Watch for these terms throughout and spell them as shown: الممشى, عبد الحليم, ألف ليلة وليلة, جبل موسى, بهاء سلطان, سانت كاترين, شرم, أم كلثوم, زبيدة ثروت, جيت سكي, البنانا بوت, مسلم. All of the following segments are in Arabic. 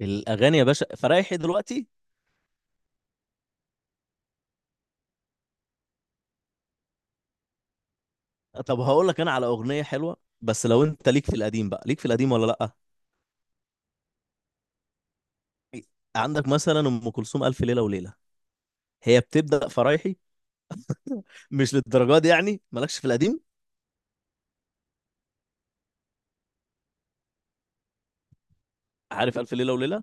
الاغاني يا باشا فرايحي دلوقتي؟ طب هقول لك انا على اغنيه حلوه، بس لو انت ليك في القديم بقى ليك في القديم ولا لا؟ عندك مثلا ام كلثوم الف ليله وليله. هي بتبدا فرايحي. مش للدرجه دي يعني؟ مالكش في القديم؟ عارف الف ليله وليله؟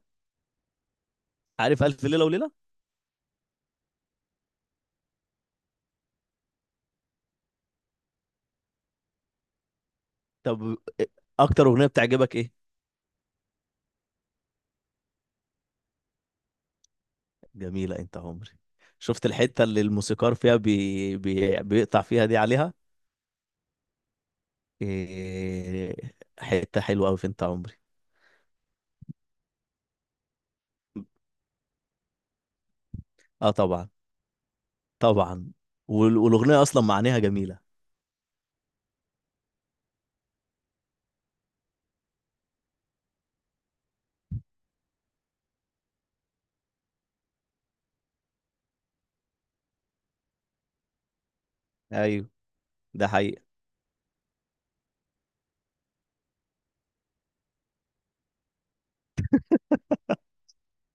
عارف الف ليله وليله؟ طب اكتر اغنيه بتعجبك ايه؟ جميله انت عمري. شفت الحته اللي الموسيقار فيها بيقطع فيها دي عليها؟ إيه... حته حلوه قوي في انت عمري. اه طبعا، طبعا. والاغنيه اصلا معانيها جميله. ايوه، ده حقيقة.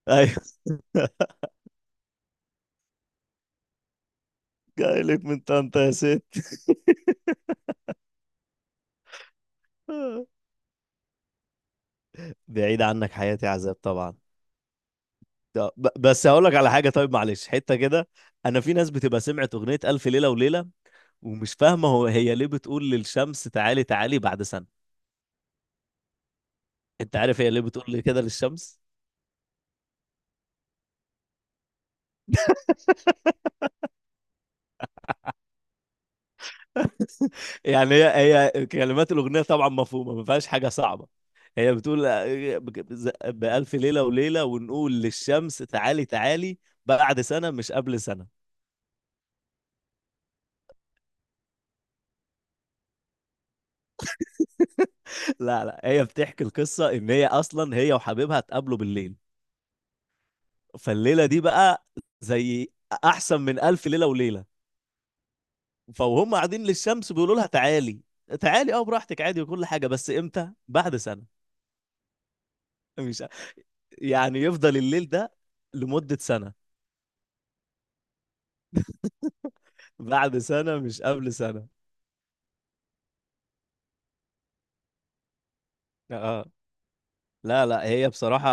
ايوه. جايلك من طنطا يا ست. بعيد عنك حياتي عذاب طبعا. بس هقول لك على حاجة، طيب معلش، حتة كده. انا في ناس بتبقى سمعت اغنية ألف ليلة وليلة ومش فاهمة هو ليه بتقول للشمس تعالي تعالي بعد سنة. انت عارف هي ليه بتقول لي كده للشمس؟ يعني هي كلمات الأغنية طبعا مفهومة، ما فيهاش حاجة صعبة. هي بتقول آه، بألف ليلة وليلة ونقول للشمس تعالي تعالي بعد سنة، مش قبل سنة. لا لا، هي بتحكي القصة إن هي أصلا هي وحبيبها اتقابلوا بالليل. فالليلة دي بقى زي أحسن من ألف ليلة وليلة. فهم قاعدين للشمس بيقولوا لها تعالي تعالي، أه براحتك عادي وكل حاجة، بس إمتى؟ بعد سنة مش يعني يفضل الليل ده لمدة سنة. بعد سنة مش قبل سنة. أه لا لا، هي بصراحة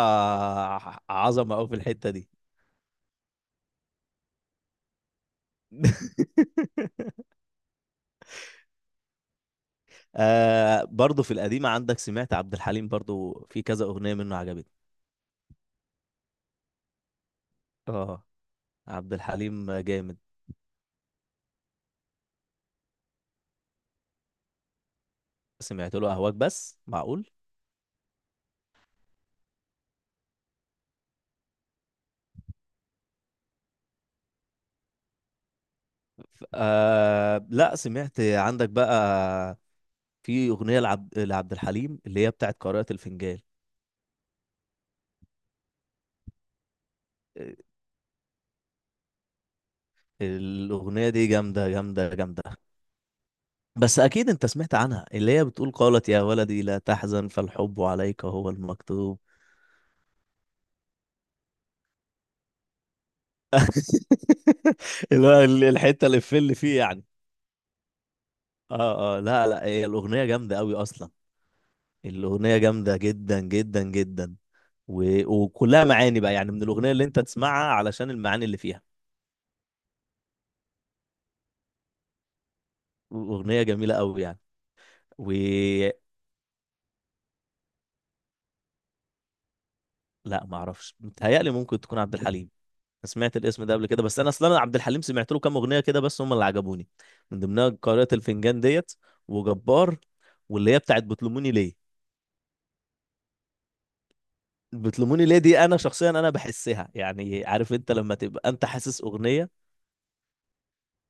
عظمة أوي في الحتة دي. آه، برضه في القديمة عندك سمعت عبد الحليم، برضه في كذا أغنية منه عجبتني. اه، عبد الحليم جامد. سمعت له اهواك بس؟ معقول. آه لا سمعت. عندك بقى في اغنيه لعبد الحليم اللي هي بتاعت قارئة الفنجان. آه، الاغنيه دي جامده جامده جامده. بس اكيد انت سمعت عنها، اللي هي بتقول قالت يا ولدي لا تحزن، فالحب عليك هو المكتوب. اللي هو الحته اللي في اللي فيه يعني. اه اه، لا لا، هي الاغنيه جامده قوي اصلا. الاغنيه جامده جدا جدا جدا. وكلها معاني بقى، يعني من الأغنية اللي أنت تسمعها علشان المعاني اللي فيها. أغنية جميلة قوي يعني. و لا ما اعرفش، متهيألي ممكن تكون عبد الحليم. أنا سمعت الاسم ده قبل كده، بس انا اصلا أنا عبد الحليم سمعت له كام اغنيه كده بس هم اللي عجبوني. من ضمنها قارئة الفنجان ديت، وجبار، واللي هي بتاعت بتلوموني ليه. بتلوموني ليه دي انا شخصيا انا بحسها، يعني عارف انت لما تبقى انت حاسس اغنيه؟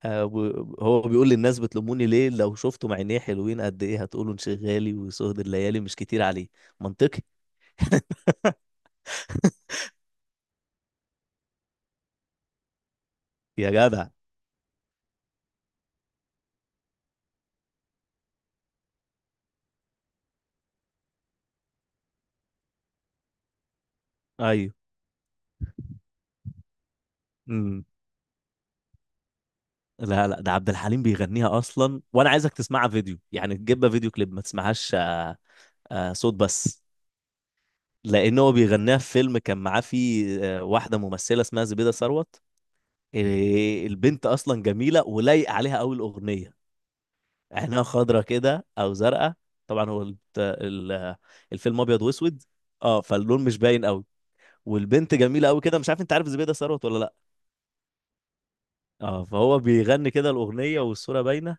آه، هو بيقول للناس بتلوموني ليه، لو شفتوا عينيه حلوين قد ايه هتقولوا انشغالي وسهد الليالي مش كتير عليه. منطقي. يا جدع، ايوه. امم لا لا، ده عبد الحليم بيغنيها اصلا، وانا عايزك تسمعها فيديو يعني، تجيبها فيديو كليب، ما تسمعهاش آه، آه، صوت بس. لان هو بيغنيها في فيلم كان معاه فيه آه، واحده ممثله اسمها زبيده ثروت. آه، البنت اصلا جميله ولايق عليها قوي الاغنيه. عينها خضرة كده او زرقاء. طبعا هو الفيلم ابيض واسود، اه فاللون مش باين قوي. والبنت جميلة قوي كده، مش عارف انت عارف زبيدة ثروت ولا لا. اه فهو بيغني كده الأغنية والصورة باينة.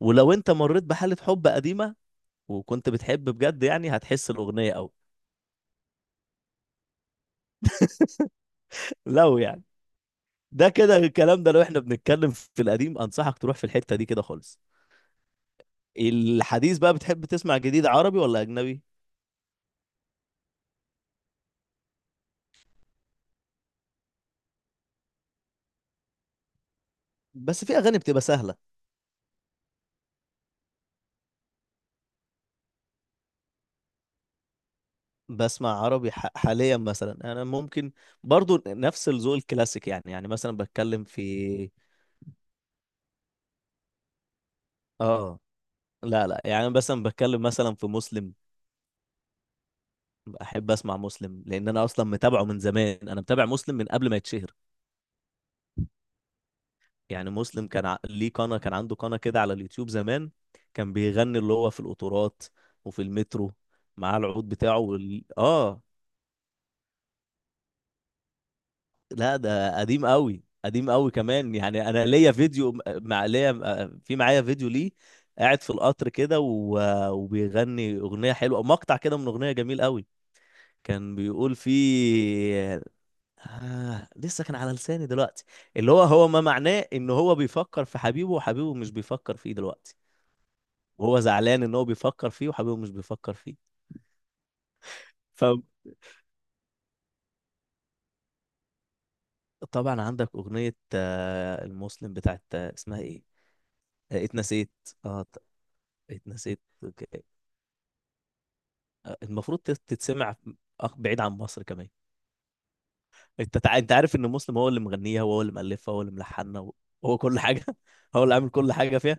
ولو انت مريت بحالة حب قديمة وكنت بتحب بجد يعني هتحس الأغنية قوي. لو يعني، ده كده الكلام ده لو احنا بنتكلم في القديم انصحك تروح في الحتة دي كده خالص. الحديث بقى بتحب تسمع جديد عربي ولا أجنبي؟ بس في أغاني بتبقى سهلة. بسمع عربي، حاليا مثلا انا ممكن برضو نفس الذوق الكلاسيك يعني، يعني مثلا بتكلم في، اه لا لا، يعني أنا مثلا بتكلم مثلا في مسلم. احب اسمع مسلم لان انا اصلا متابعه من زمان، انا متابع مسلم من قبل ما يتشهر. يعني مسلم كان ليه قناة، كان عنده قناة كده على اليوتيوب زمان. كان بيغني اللي هو في القطورات وفي المترو مع العود بتاعه اه. لا ده قديم قوي، قديم قوي كمان، يعني انا ليا فيديو مع ليا آه، في معايا فيديو ليه قاعد في القطر كده وبيغني اغنيه حلوه، مقطع كده من اغنيه جميل قوي. كان بيقول فيه آه لسه كان على لساني دلوقتي، اللي هو ما معناه ان هو بيفكر في حبيبه وحبيبه مش بيفكر فيه دلوقتي، وهو زعلان ان هو بيفكر فيه وحبيبه مش بيفكر فيه. فطبعا عندك اغنيه آه، المسلم بتاعت آه، اسمها ايه، آه، اتنسيت. اه، اتنسيت، اوكي. آه، المفروض تتسمع. بعيد عن مصر كمان. انت عارف ان مسلم هو اللي مغنيها وهو اللي مؤلفها وهو اللي ملحنها وهو كل حاجه. هو اللي عامل كل حاجه فيها.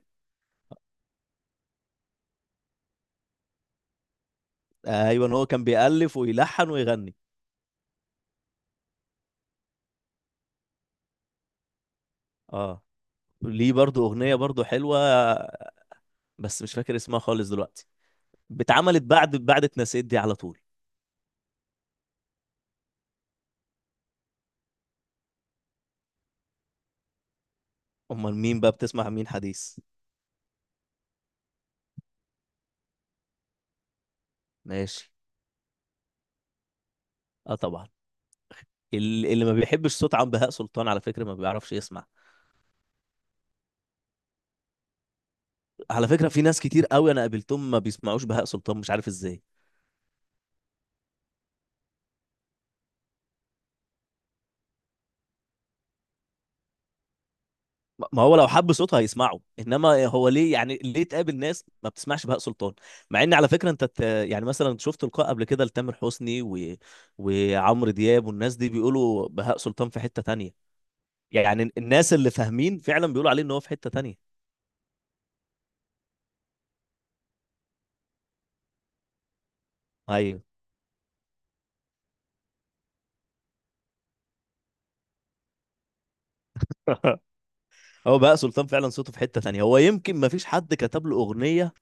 آه، ايوه، هو كان بيألف ويلحن ويغني. اه ليه برضو اغنيه برضو حلوه، بس مش فاكر اسمها خالص دلوقتي. اتعملت بعد اتنسيت دي على طول. امال مين بقى، بتسمع مين حديث؟ ماشي. اه طبعا. اللي ما بيحبش صوت عم بهاء سلطان على فكره ما بيعرفش يسمع. على فكرة في ناس كتير قوي انا قابلتهم ما بيسمعوش بهاء سلطان، مش عارف ازاي. ما هو لو حب صوتها هيسمعه، انما هو ليه يعني ليه تقابل ناس ما بتسمعش بهاء سلطان؟ مع ان على فكرة يعني مثلا شفت لقاء قبل كده لتامر حسني وعمرو دياب والناس دي بيقولوا بهاء سلطان في حتة تانية. يعني الناس اللي فاهمين فعلا بيقولوا عليه ان هو في حتة تانية. ايوه. هو بهاء سلطان فعلا صوته في حتة تانية، هو يمكن ما فيش حد كتب له أغنية.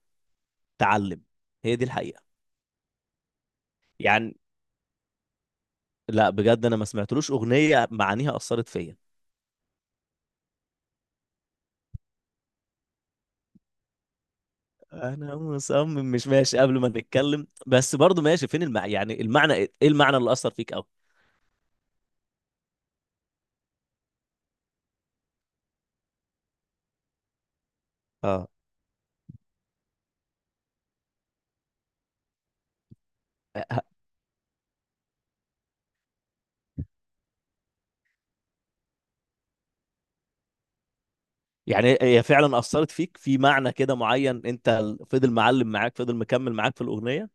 تعلم، هي دي الحقيقة يعني. لا بجد انا ما سمعتلوش أغنية معانيها أثرت فيا. انا مصمم مش ماشي قبل ما نتكلم، بس برضو ماشي، فين يعني المعنى ايه، إيه المعنى اللي اثر فيك قوي؟ اه ه- يعني هي فعلا اثرت فيك في معنى كده معين؟ انت فضل معلم معاك، فضل مكمل معاك في الاغنيه؟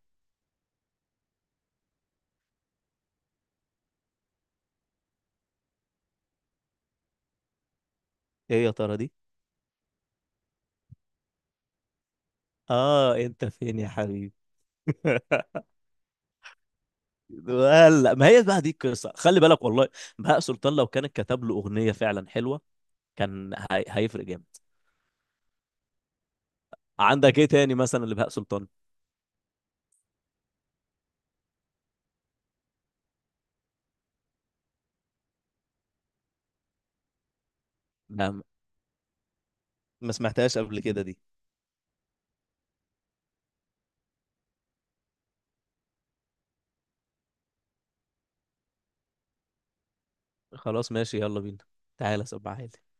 ايه يا ترى دي؟ اه انت فين يا حبيبي. ولا ما هي بقى دي القصه، خلي بالك والله. بهاء سلطان لو كان كتب له اغنيه فعلا حلوه كان هيفرق جامد. عندك ايه تاني مثلا لبهاء سلطان؟ لا ما سمعتهاش قبل كده دي. خلاص ماشي، يلا بينا، تعالى سمعها لي.